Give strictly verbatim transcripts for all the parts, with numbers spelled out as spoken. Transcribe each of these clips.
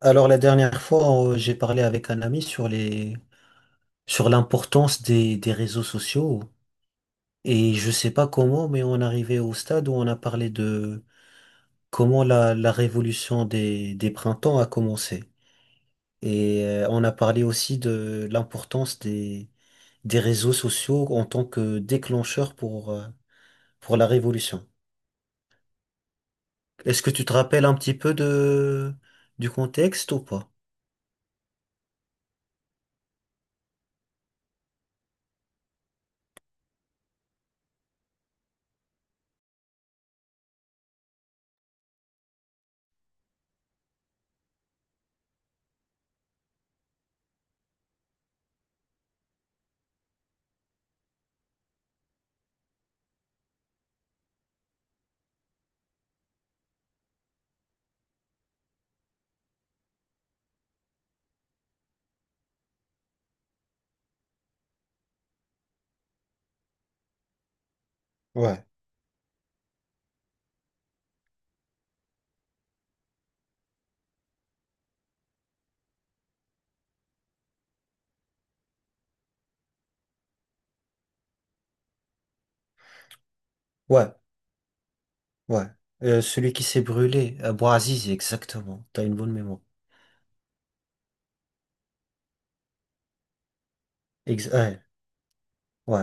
Alors la dernière fois, euh, j'ai parlé avec un ami sur les sur l'importance des, des réseaux sociaux et je sais pas comment, mais on arrivait au stade où on a parlé de comment la, la révolution des, des printemps a commencé. Et euh, on a parlé aussi de l'importance des, des réseaux sociaux en tant que déclencheur pour, euh, pour la révolution. Est-ce que tu te rappelles un petit peu de, du contexte ou pas? Ouais. Ouais. Ouais. Euh, celui qui s'est brûlé, euh, Bouazizi, exactement. T'as une bonne mémoire. Ex- ouais, ouais.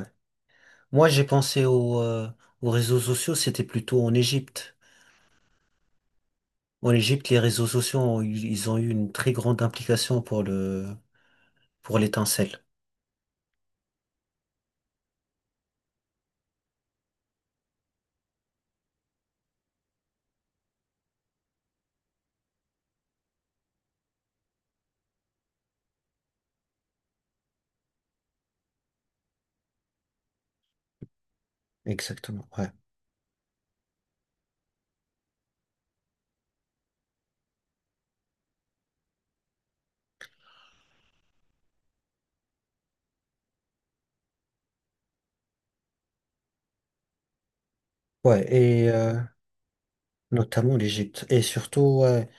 Moi, j'ai pensé au, euh, aux réseaux sociaux, c'était plutôt en Égypte. En Égypte, les réseaux sociaux, ont eu- ils ont eu une très grande implication pour le, pour l'étincelle. Exactement, ouais. Ouais, et euh, notamment l'Égypte. Et surtout, ouais,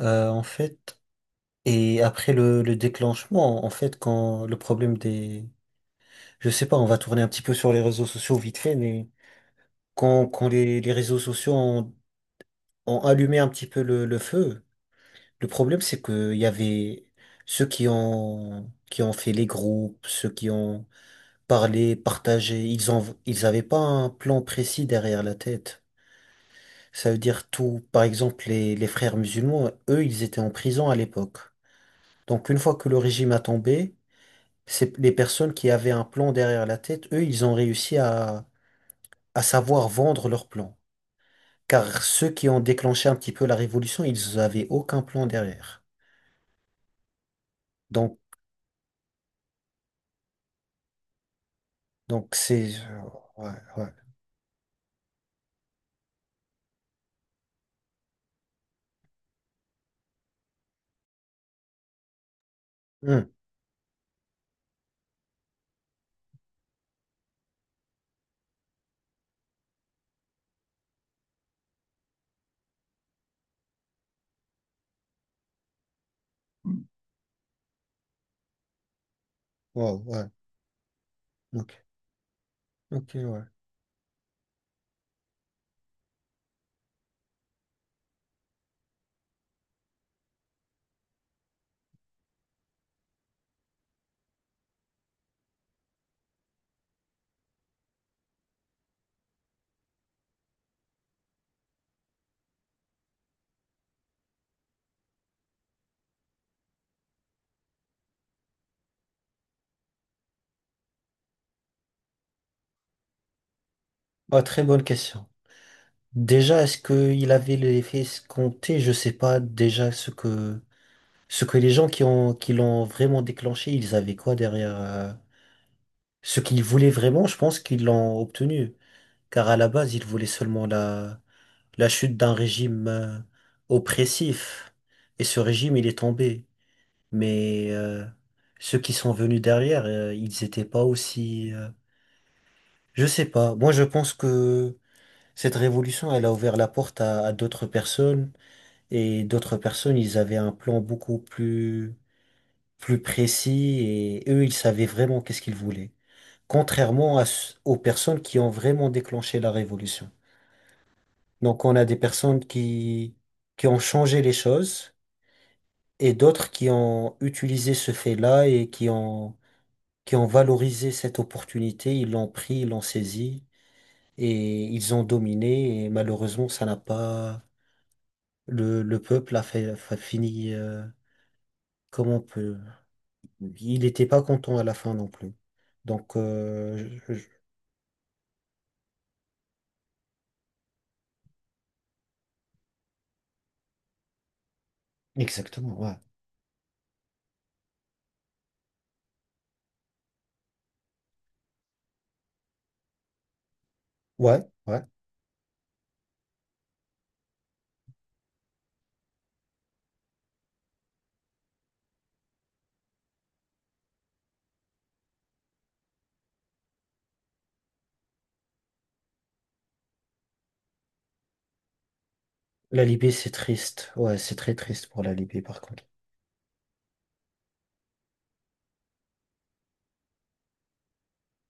euh, en fait, et après le, le déclenchement, en fait, quand le problème des... Je sais pas, on va tourner un petit peu sur les réseaux sociaux vite fait, mais quand, quand les, les réseaux sociaux ont, ont allumé un petit peu le, le feu, le problème, c'est que il y avait ceux qui ont, qui ont fait les groupes, ceux qui ont parlé, partagé, ils ont, ils avaient pas un plan précis derrière la tête. Ça veut dire tout. Par exemple, les, les frères musulmans, eux, ils étaient en prison à l'époque. Donc une fois que le régime a tombé, c'est les personnes qui avaient un plan derrière la tête, eux, ils ont réussi à, à savoir vendre leur plan. Car ceux qui ont déclenché un petit peu la révolution, ils avaient aucun plan derrière. Donc, donc c'est... Ouais, ouais. Hmm. Wow, ouais. Ok, ok, ouais. Ah, très bonne question. Déjà, est-ce qu'il avait l'effet escompté? Je sais pas déjà ce que ce que les gens qui ont qui l'ont vraiment déclenché, ils avaient quoi derrière euh, ce qu'ils voulaient vraiment, je pense qu'ils l'ont obtenu. Car à la base, ils voulaient seulement la, la chute d'un régime euh, oppressif. Et ce régime, il est tombé. Mais euh, ceux qui sont venus derrière, euh, ils n'étaient pas aussi... euh, Je sais pas. Moi, je pense que cette révolution, elle a ouvert la porte à, à d'autres personnes. Et d'autres personnes, ils avaient un plan beaucoup plus, plus précis. Et eux, ils savaient vraiment qu'est-ce qu'ils voulaient, contrairement à ce- aux personnes qui ont vraiment déclenché la révolution. Donc on a des personnes qui, qui ont changé les choses et d'autres qui ont utilisé ce fait-là et qui ont, qui ont valorisé cette opportunité, ils l'ont pris, ils l'ont saisi et ils ont dominé et malheureusement ça n'a pas... Le, le peuple a fait, a fini euh, comme on peut. Il n'était pas content à la fin non plus. Donc, euh, je- je- exactement, ouais. Ouais, ouais. La Libye, c'est triste. Ouais, c'est très triste pour la Libye, par contre.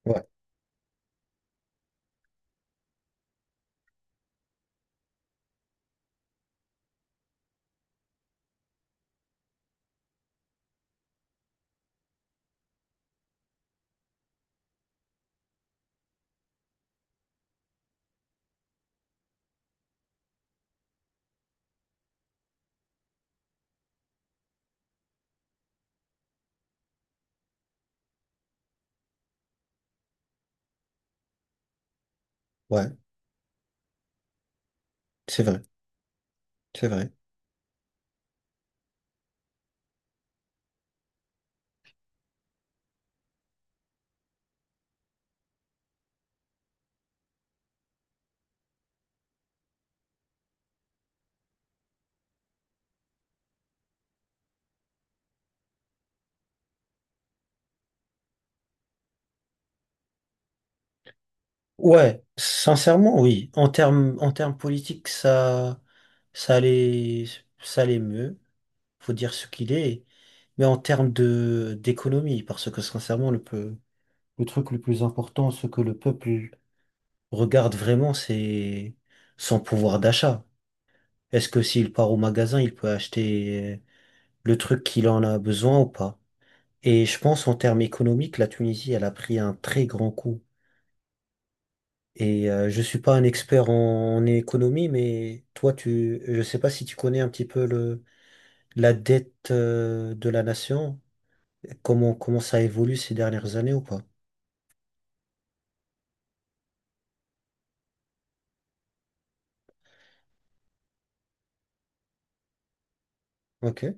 Ouais, ouais, c'est vrai, c'est vrai. Ouais, sincèrement, oui. En termes, en termes politiques, ça, ça allait, ça allait mieux. Faut dire ce qu'il est. Mais en termes de, d'économie, parce que sincèrement, le, peu- le truc le plus important, ce que le peuple regarde vraiment, c'est son pouvoir d'achat. Est-ce que s'il part au magasin, il peut acheter le truc qu'il en a besoin ou pas? Et je pense en termes économiques, la Tunisie, elle a pris un très grand coup. Et euh, je suis pas un expert en, en économie, mais toi, tu, je sais pas si tu connais un petit peu le, la dette euh, de la nation, comment, comment ça évolue ces dernières années ou pas? Ok.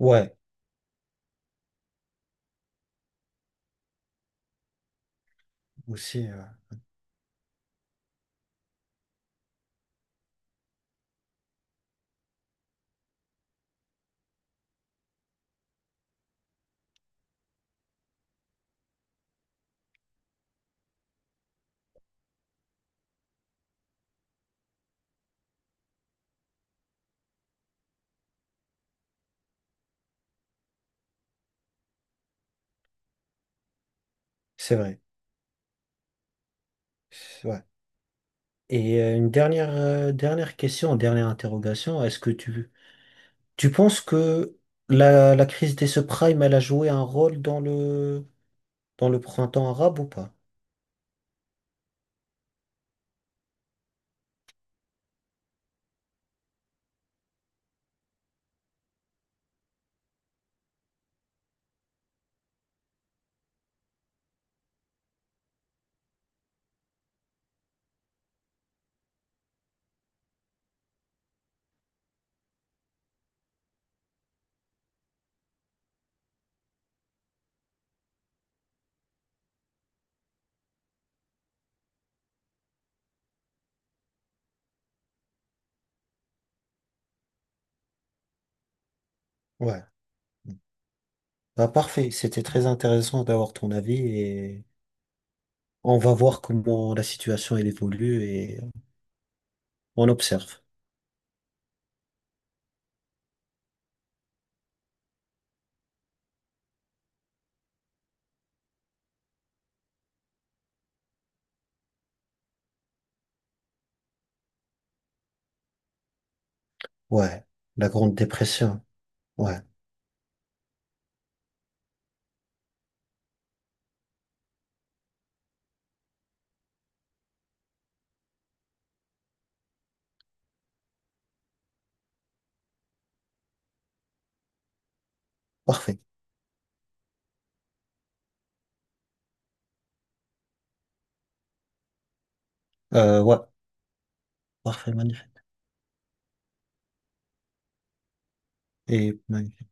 Ouais, aussi, euh, c'est vrai. C'est- Ouais. Et euh, une dernière, euh, dernière question, dernière interrogation. Est-ce que tu, tu penses que la, la crise des subprimes, elle a joué un rôle dans le, dans le printemps arabe ou pas? Ouais. Bah, parfait, c'était très intéressant d'avoir ton avis et on va voir comment la situation elle évolue et on observe. Ouais, la Grande Dépression. Ouais, parfait. Euh, ouais, parfait, magnifique. Et magnifique.